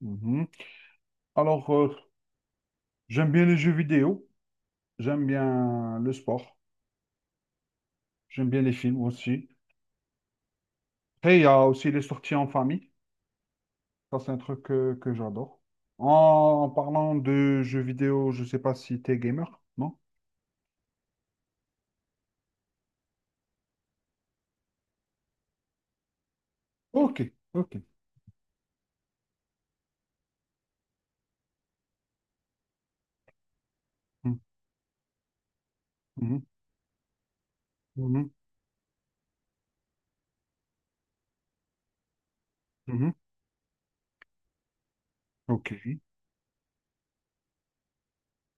Mhm. Alors, j'aime bien les jeux vidéo, j'aime bien le sport, j'aime bien les films aussi. Après, il y a aussi les sorties en famille. Ça, c'est un truc que j'adore. Parlant de jeux vidéo, je ne sais pas si tu es gamer, non? Ok, ok. Mhm, mhm, mhm, mhm. Ok,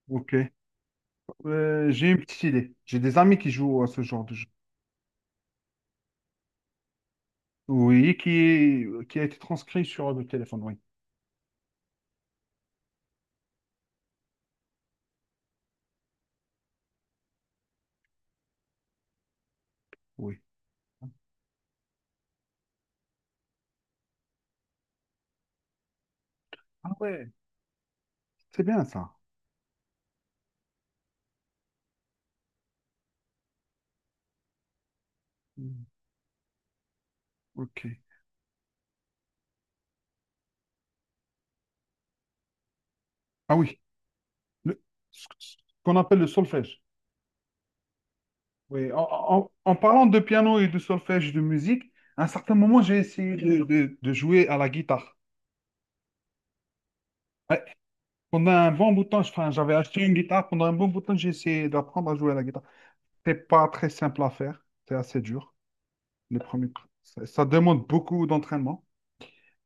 ok. J'ai une petite idée. J'ai des amis qui jouent à ce genre de jeu. Oui, qui a été transcrit sur le téléphone, oui. Oui. Ah ouais, c'est bien ça. Mhm. Ok. Ah oui, le- ce qu'on appelle le solfège. Oui, en parlant de piano et de solfège de musique, à un certain moment, j'ai essayé de jouer à la guitare. Ouais. Pendant un bon bout de temps, enfin, j'avais acheté une guitare. Pendant un bon bout de temps, j'ai essayé d'apprendre à jouer à la guitare. C'est pas très simple à faire. C'est assez dur. Les premiers... Ça demande beaucoup d'entraînement.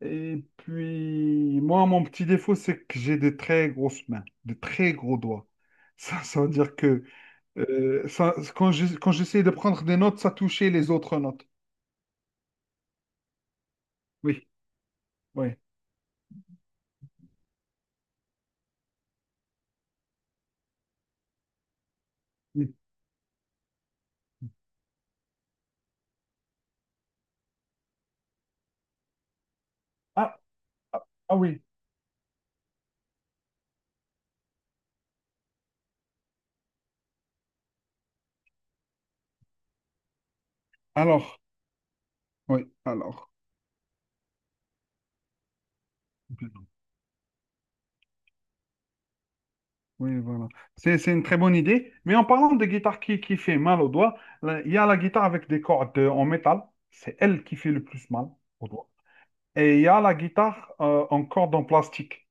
Et puis, moi, mon petit défaut, c'est que j'ai des très grosses mains, des très gros doigts. Ça veut dire que... Ça, quand quand j'essayais de prendre des notes, ça touchait les autres notes. Oui, oui, oui. Ah, ah, ah oui. Alors, oui, alors. Oui, voilà. C'est une très bonne idée. Mais en parlant de guitare qui fait mal aux doigts, là, il y a la guitare avec des cordes en métal. C'est elle qui fait le plus mal aux doigts. Et il y a la guitare en corde en plastique.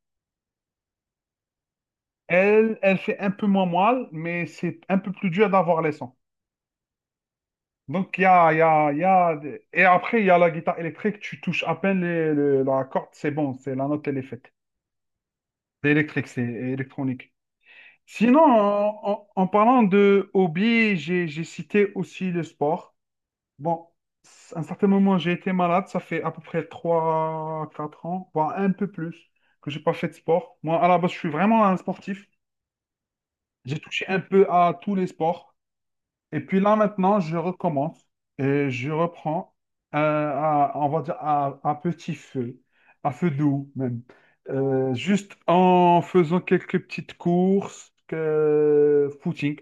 Elle, elle fait un peu moins mal, mais c'est un peu plus dur d'avoir les sons. Donc, il y a... Et après, il y a la guitare électrique, tu touches à peine la corde, c'est bon, c'est la note, elle est faite. C'est électrique, c'est électronique. Sinon, en parlant de hobby, j'ai cité aussi le sport. Bon, à un certain moment, j'ai été malade, ça fait à peu près trois quatre ans, voire un peu plus, que j'ai pas fait de sport. Moi, à la base, je suis vraiment un sportif. J'ai touché un peu à tous les sports. Et puis là, maintenant, je recommence et je reprends, à, on va dire, à petit feu, à feu doux même. Juste en faisant quelques petites courses, que, footing,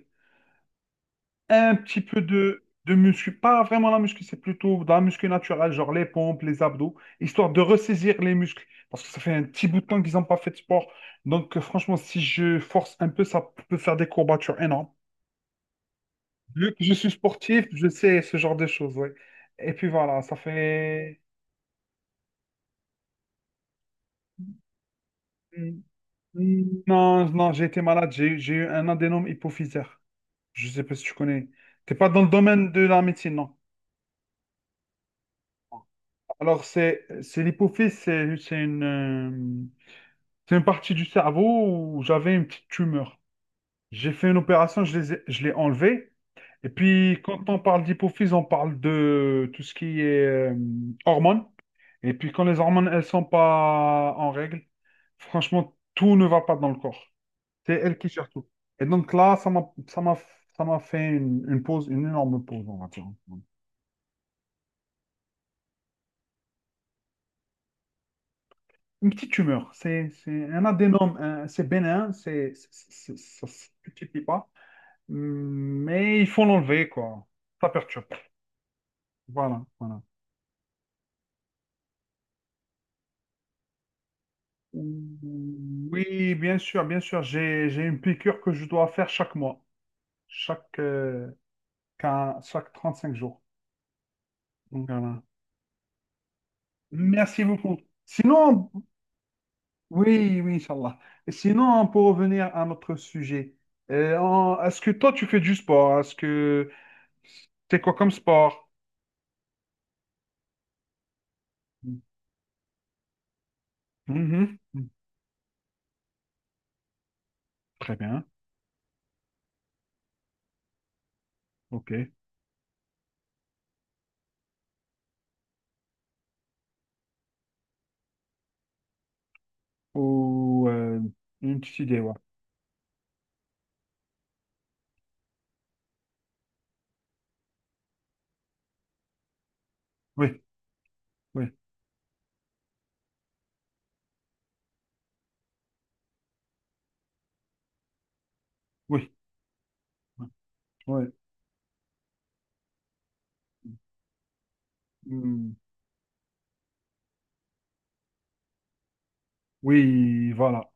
un petit peu de muscu, pas vraiment la muscu, c'est plutôt de la muscu naturelle, genre les pompes, les abdos, histoire de ressaisir les muscles. Parce que ça fait un petit bout de temps qu'ils n'ont pas fait de sport. Donc, franchement, si je force un peu, ça peut faire des courbatures énormes. Vu que je suis sportif, je sais ce genre de choses, ouais. Et puis voilà, ça fait... Hmm, Non, non, j'ai été malade, j'ai eu un adénome hypophysaire. Je sais pas si tu connais. T'es pas dans le domaine de la médecine, non. Alors, c'est l'hypophyse, c'est une partie du cerveau où j'avais une petite tumeur. J'ai fait une opération, je l'ai enlevée. Et puis, quand on parle d'hypophyse, on parle de tout ce qui est hormones. Et puis, quand les hormones, elles sont pas en règle, franchement, tout ne va pas dans le corps. C'est elles qui gèrent tout. Et donc là, ça m'a fait une pause, une énorme pause, on va dire. Une petite tumeur. C'est un adénome, c'est bénin, ça se multiplie pas. Mais il faut l'enlever, quoi. Ça perturbe. Voilà, voilà. Oui, bien sûr, bien sûr. J'ai une piqûre que je dois faire chaque mois, chaque, euh, chaque 5 jours. Donc, voilà. Merci beaucoup. Sinon, oui, oui, Inch'Allah. Et sinon, pour revenir à notre sujet, est-ce que toi, tu fais du sport? Est-ce que c'est quoi comme sport? Mhm. Très bien, ok. Ou une petite idée, ouais. Oui, oui, oui, oui. Mm. Oui, voilà.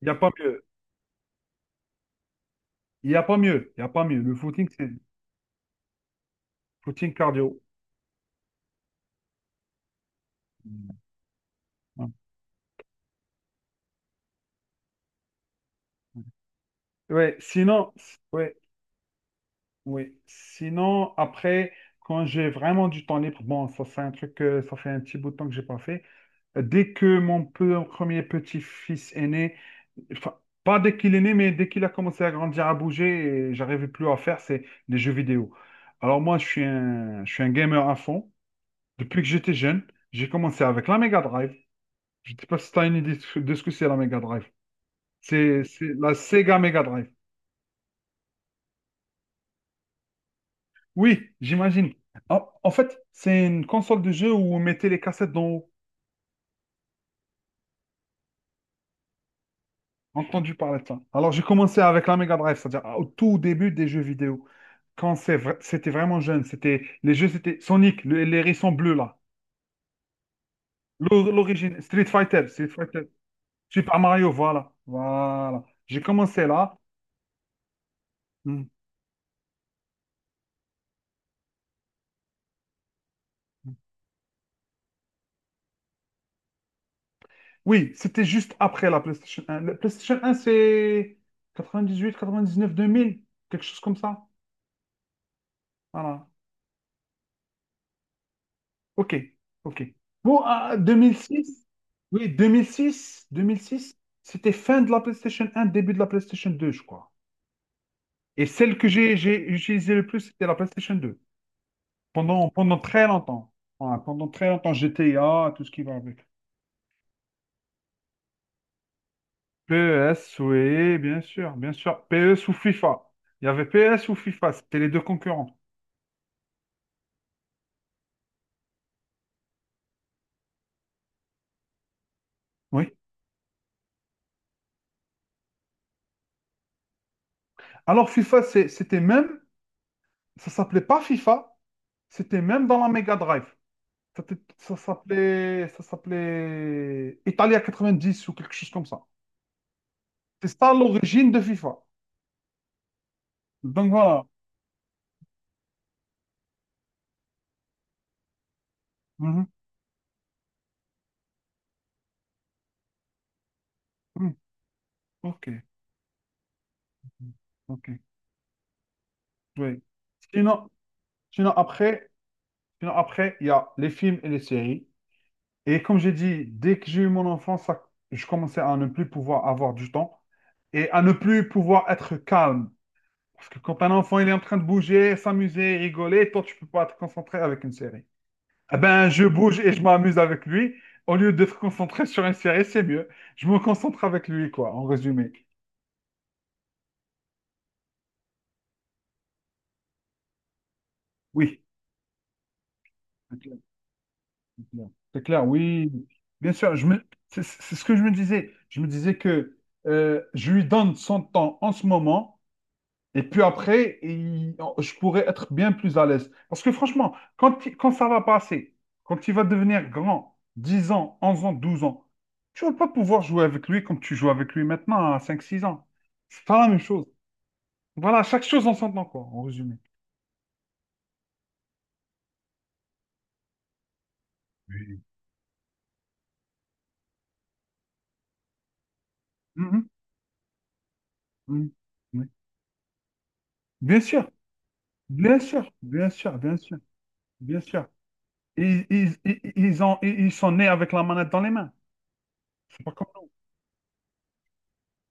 Il n'y a pas mieux. Il n'y a pas mieux. Il n'y a pas mieux. Le footing, c'est footing cardio. Ouais, ouais, ouais. Sinon, ouais, ouais. Sinon, après, quand j'ai vraiment du temps libre, bon, ça c'est un truc, que ça fait un petit bout de temps que j'ai pas fait. Dès que mon premier petit-fils est né, enfin, pas dès qu'il est né, mais dès qu'il a commencé à grandir, à bouger, et j'arrivais plus à faire, c'est des jeux vidéo. Alors moi, je suis un gamer à fond. Depuis que j'étais jeune, j'ai commencé avec la Mega Drive. Je ne sais pas si tu as une idée de ce que c'est la Mega Drive. C'est la Sega Mega Drive. Oui, j'imagine. En fait, c'est une console de jeu où on mettait les cassettes d'en haut. Entendu parler de ça. Alors, j'ai commencé avec la Mega Drive, c'est-à-dire au tout début des jeux vidéo. Quand c'était vraiment jeune, c'était les jeux, c'était Sonic, les hérissons bleus là. L'origine, Street Fighter, Super Mario, voilà. Voilà. J'ai commencé là. Hmm. Oui, c'était juste après la PlayStation 1. La PlayStation 1, c'est neuf deux mille, quelque chose comme ça. Voilà. OK, OK. Bon, à 2006. Oui, 2006, 2006. C'était fin de la PlayStation 1, début de la PlayStation 2, je crois. Et celle que j'ai utilisée le plus, c'était la PlayStation 2. Pendant très longtemps. Voilà, pendant très longtemps, GTA, tout ce qui va avec. PES, oui, bien sûr, bien sûr. PES ou FIFA. Il y avait PES ou FIFA, c'était les deux concurrents. Oui. Alors, FIFA, c'était même, ça s'appelait pas FIFA, c'était même dans la Mega Drive. Ça s'appelait Italia 90 ou quelque chose comme ça. C'est ça l'origine de FIFA. Donc voilà. Mhm. Mhm. Ok, ok. Oui. Sinon, sinon après, Sinon après, il y a les films et les séries. Et comme j'ai dit, dès que j'ai eu mon enfance, je commençais à ne plus pouvoir avoir du temps et à ne plus pouvoir être calme. Parce que quand un enfant, il est en train de bouger, s'amuser, rigoler, toi, tu peux pas te concentrer avec une série. Ah ben, je bouge et je m'amuse avec lui. Au lieu d'être concentré sur une série, c'est mieux. Je me concentre avec lui, quoi, en résumé. Oui, c'est clair, c'est clair. C'est clair, oui. Bien sûr, je me... c'est ce que je me disais. Je me disais que je lui donne son temps en ce moment. Et puis après, je pourrais être bien plus à l'aise. Parce que franchement, quand ça va passer, quand il va devenir grand, 10 ans, 11 ans, 12 ans, tu vas pas pouvoir jouer avec lui comme tu joues avec lui maintenant à cinq six ans. C'est pas la même chose. Voilà, chaque chose en son temps, quoi, en résumé. Oui. Mhm, mhm, oui. Bien sûr, bien sûr, bien sûr, bien sûr, bien sûr. Ils ont, ils ils sont nés avec la manette dans les mains. C'est pas comme